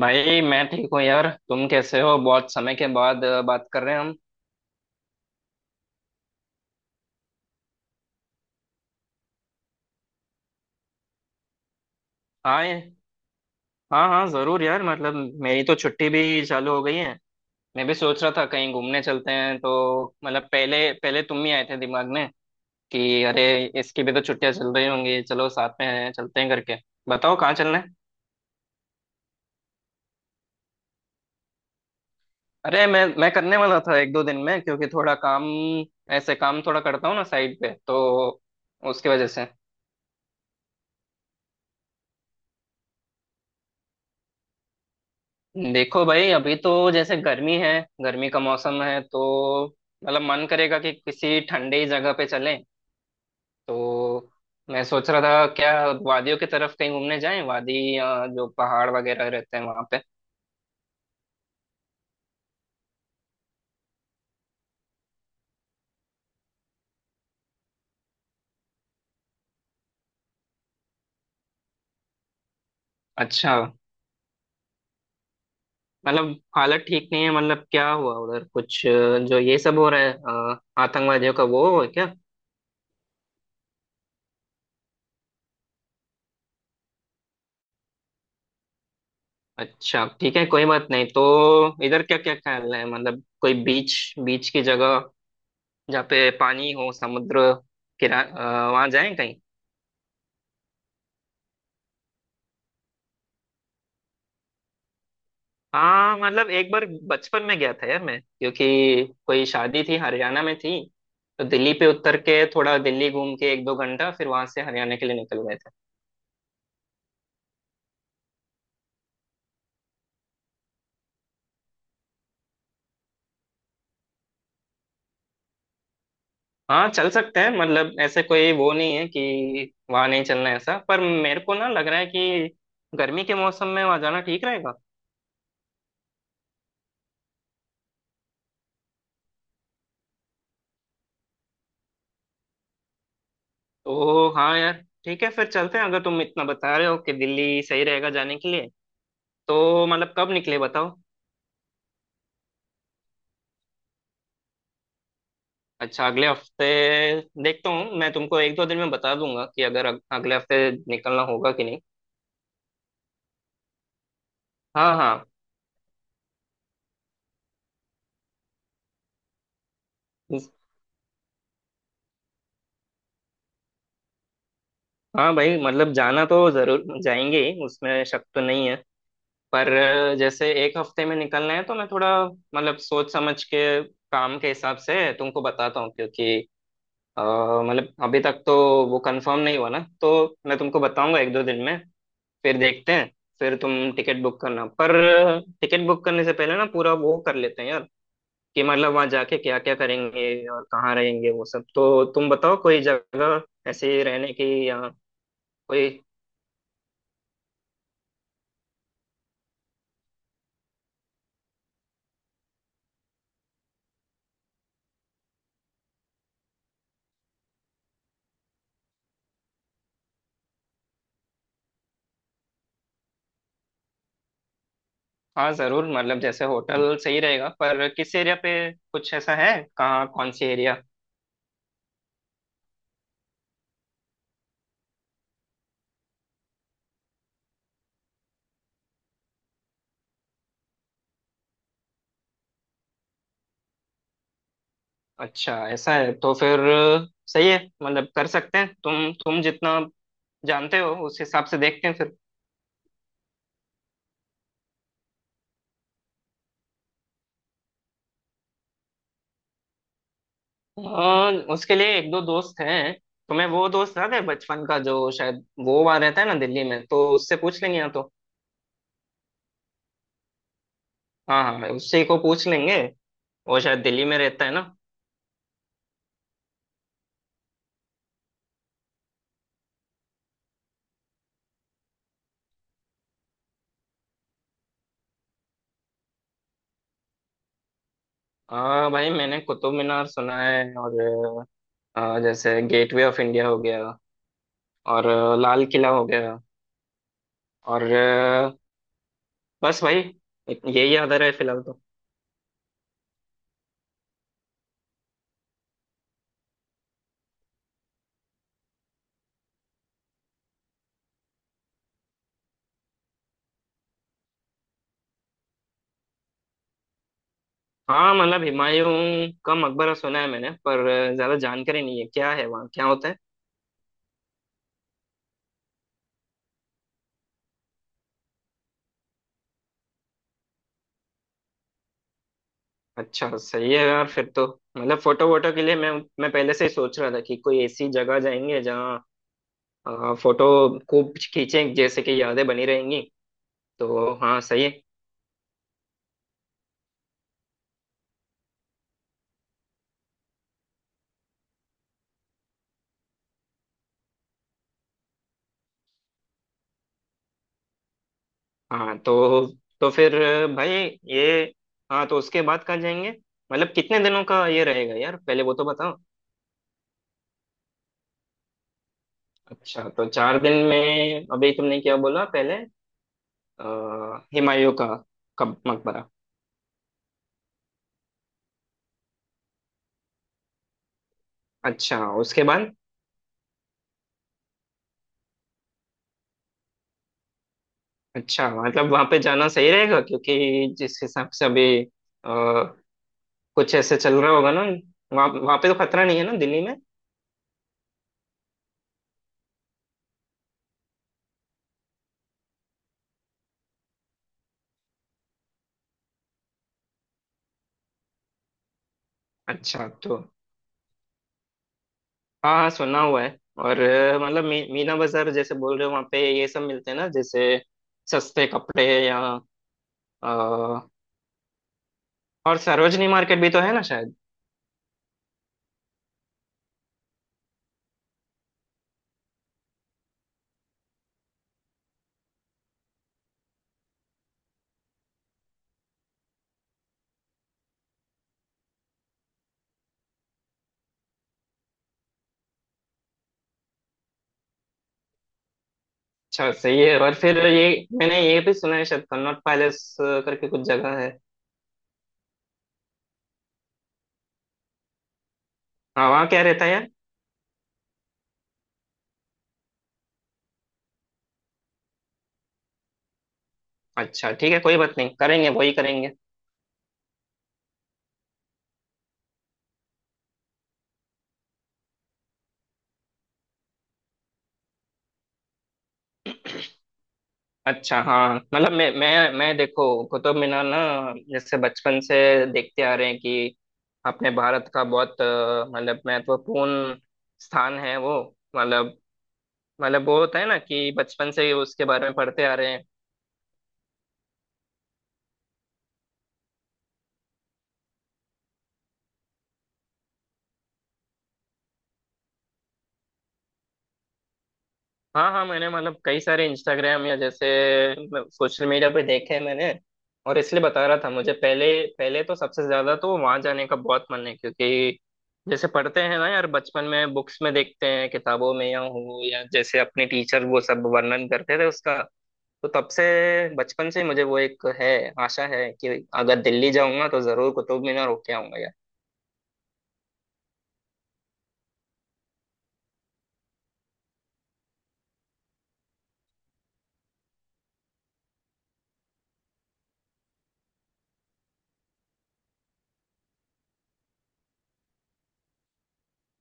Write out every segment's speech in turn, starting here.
भाई मैं ठीक हूँ यार। तुम कैसे हो? बहुत समय के बाद बात कर रहे हैं हम। हाँ ये- हाँ हाँ, जरूर यार। मतलब मेरी तो छुट्टी भी चालू हो गई है। मैं भी सोच रहा था कहीं घूमने चलते हैं, तो मतलब पहले पहले तुम ही आए थे दिमाग में कि अरे, इसकी भी तो छुट्टियां चल रही होंगी, चलो साथ में चलते हैं करके। बताओ कहाँ चलना है। अरे, मैं करने वाला था एक दो दिन में, क्योंकि थोड़ा काम, ऐसे काम थोड़ा करता हूँ ना साइड पे, तो उसकी वजह से। देखो भाई, अभी तो जैसे गर्मी है, गर्मी का मौसम है, तो मतलब मन करेगा कि किसी ठंडे ही जगह पे चलें। तो मैं सोच रहा था क्या वादियों की तरफ कहीं घूमने जाएं, वादी या जो पहाड़ वगैरह रहते हैं वहां पे। अच्छा, मतलब हालत ठीक नहीं है? मतलब क्या हुआ उधर, कुछ जो ये सब हो रहा है, आतंकवादियों का वो है क्या? अच्छा, ठीक है कोई बात नहीं, तो इधर क्या क्या ख्याल है? मतलब कोई बीच, बीच की जगह जहाँ पे पानी हो, समुद्र किरा, वहां जाएं कहीं। हाँ, मतलब एक बार बचपन में गया था यार मैं, क्योंकि कोई शादी थी, हरियाणा में थी, तो दिल्ली पे उतर के थोड़ा दिल्ली घूम के एक दो घंटा फिर वहां से हरियाणा के लिए निकल गए थे। हाँ चल सकते हैं, मतलब ऐसे कोई वो नहीं है कि वहां नहीं चलना है ऐसा, पर मेरे को ना लग रहा है कि गर्मी के मौसम में वहां जाना ठीक रहेगा। तो हाँ यार, ठीक है फिर चलते हैं। अगर तुम इतना बता रहे हो कि दिल्ली सही रहेगा जाने के लिए, तो मतलब कब निकले बताओ। अच्छा, अगले हफ्ते? देखता हूँ, मैं तुमको एक दो दिन में बता दूंगा कि अगर अगले हफ्ते निकलना होगा कि नहीं। हाँ हाँ। उस- हाँ भाई, मतलब जाना तो जरूर जाएंगे ही, उसमें शक तो नहीं है। पर जैसे एक हफ्ते में निकलना है तो मैं थोड़ा मतलब सोच समझ के, काम के हिसाब से तुमको बताता हूँ, क्योंकि अ, मतलब अभी तक तो वो कंफर्म नहीं हुआ ना, तो मैं तुमको बताऊंगा एक दो दिन में, फिर देखते हैं। फिर तुम टिकट बुक करना, पर टिकट बुक करने से पहले ना पूरा वो कर लेते हैं यार कि मतलब वहां जाके क्या क्या करेंगे और कहाँ रहेंगे, वो सब तो तुम बताओ, कोई जगह ऐसे रहने की या कोई। हाँ जरूर, मतलब जैसे होटल सही रहेगा, पर किस एरिया पे? कुछ ऐसा है कहाँ कौन सी एरिया? अच्छा, ऐसा है तो फिर सही है। मतलब कर सकते हैं, तुम जितना जानते हो उस हिसाब से देखते हैं फिर। उसके लिए एक दो दोस्त हैं। तुम्हें वो दोस्त याद है बचपन का जो शायद वो वहां रहता है ना दिल्ली में? तो उससे पूछ लेंगे या तो। हाँ हाँ, उसी को पूछ लेंगे। वो शायद दिल्ली में रहता है ना। भाई, मैंने कुतुब मीनार सुना है, और जैसे गेटवे ऑफ इंडिया हो गया, और लाल किला हो गया, और बस भाई, यही याद आ रहा है फिलहाल तो। हाँ, मतलब हुमायूं का मकबरा सुना है मैंने, पर ज्यादा जानकारी नहीं है क्या है वहाँ, क्या होता है। अच्छा, सही है यार फिर तो। मतलब फोटो वोटो के लिए मैं पहले से ही सोच रहा था कि कोई ऐसी जगह जाएंगे जहाँ फोटो खूब खींचे, जैसे कि यादें बनी रहेंगी। तो हाँ सही है। हाँ तो फिर भाई ये, हाँ तो उसके बाद कहाँ जाएंगे? मतलब कितने दिनों का ये रहेगा यार, पहले वो तो बताओ। अच्छा, तो 4 दिन में अभी तुमने क्या बोला पहले? अ, हुमायूं का, कब मकबरा? अच्छा उसके बाद? अच्छा, मतलब वहां पे जाना सही रहेगा क्योंकि जिस हिसाब से अभी अ, कुछ ऐसे चल रहा होगा ना, वहाँ वहाँ पे तो खतरा नहीं है ना दिल्ली में? अच्छा, तो हाँ हाँ सुना हुआ है। और मतलब मीना बाजार जैसे बोल रहे हो, वहाँ पे ये सब मिलते हैं ना जैसे सस्ते कपड़े? या अ, और सरोजनी मार्केट भी तो है ना शायद। अच्छा सही है। और फिर ये, मैंने ये भी सुना है शायद कन्नॉट पैलेस करके कुछ जगह है। हाँ, वहाँ क्या रहता है यार? अच्छा ठीक है, कोई बात नहीं, करेंगे वही करेंगे। अच्छा, हाँ मतलब मैं देखो, कुतुब मीनार ना, जैसे बचपन से देखते आ रहे हैं कि अपने भारत का बहुत मतलब महत्वपूर्ण स्थान है वो। मतलब मतलब वो होता है ना कि बचपन से ही उसके बारे में पढ़ते आ रहे हैं। हाँ हाँ, मैंने मतलब कई सारे इंस्टाग्राम या जैसे सोशल मीडिया पे देखे हैं मैंने, और इसलिए बता रहा था। मुझे पहले, पहले तो सबसे ज्यादा तो वहां जाने का बहुत मन है, क्योंकि जैसे पढ़ते हैं ना यार बचपन में बुक्स में, देखते हैं किताबों में या हो, या जैसे अपने टीचर वो सब वर्णन करते थे उसका। तो तब से बचपन से ही मुझे वो एक है, आशा है कि अगर दिल्ली जाऊंगा तो जरूर कुतुब मीनार होके आऊंगा।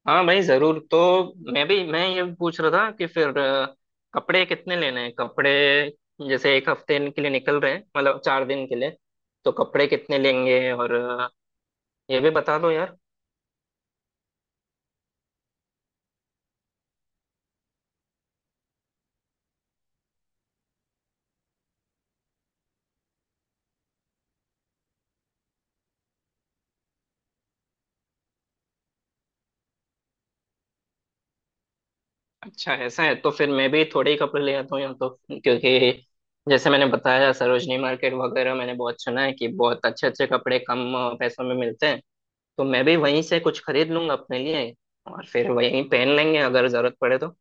हाँ भाई जरूर। तो मैं ये पूछ रहा था कि फिर कपड़े कितने लेने हैं? कपड़े जैसे एक हफ्ते के लिए निकल रहे हैं, मतलब 4 दिन के लिए, तो कपड़े कितने लेंगे? और ये भी बता दो यार। अच्छा, ऐसा है तो फिर मैं भी थोड़े ही कपड़े ले आता हूँ यहाँ तो, क्योंकि जैसे मैंने बताया सरोजनी मार्केट वगैरह मैंने बहुत सुना है कि बहुत अच्छे अच्छे कपड़े कम पैसों में मिलते हैं। तो मैं भी वहीं से कुछ खरीद लूंगा अपने लिए, और फिर वहीं पहन लेंगे अगर जरूरत पड़े तो।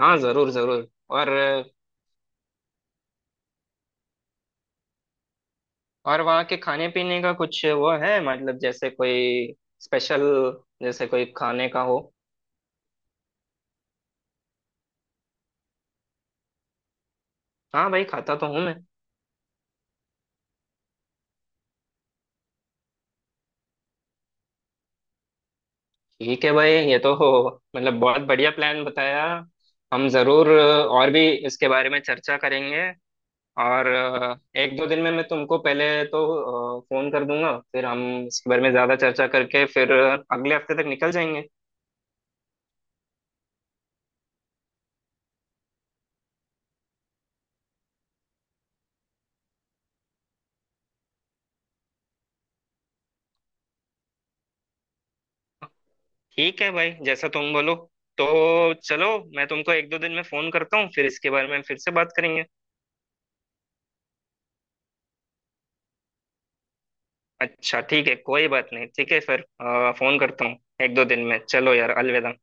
हाँ जरूर जरूर। और और वहाँ के खाने पीने का कुछ वो है? मतलब जैसे कोई स्पेशल, जैसे कोई खाने का हो? हाँ भाई, खाता तो हूँ मैं। ठीक है भाई, ये तो हो, मतलब बहुत बढ़िया प्लान बताया। हम जरूर और भी इसके बारे में चर्चा करेंगे। और एक दो दिन में मैं तुमको पहले तो फोन कर दूंगा, फिर हम इसके बारे में ज्यादा चर्चा करके फिर अगले हफ्ते तक निकल जाएंगे। ठीक है भाई, जैसा तुम बोलो। तो चलो, मैं तुमको एक दो दिन में फोन करता हूँ फिर इसके बारे में फिर से बात करेंगे। अच्छा, ठीक है कोई बात नहीं। ठीक है, फिर फोन करता हूँ एक दो दिन में। चलो यार, अलविदा।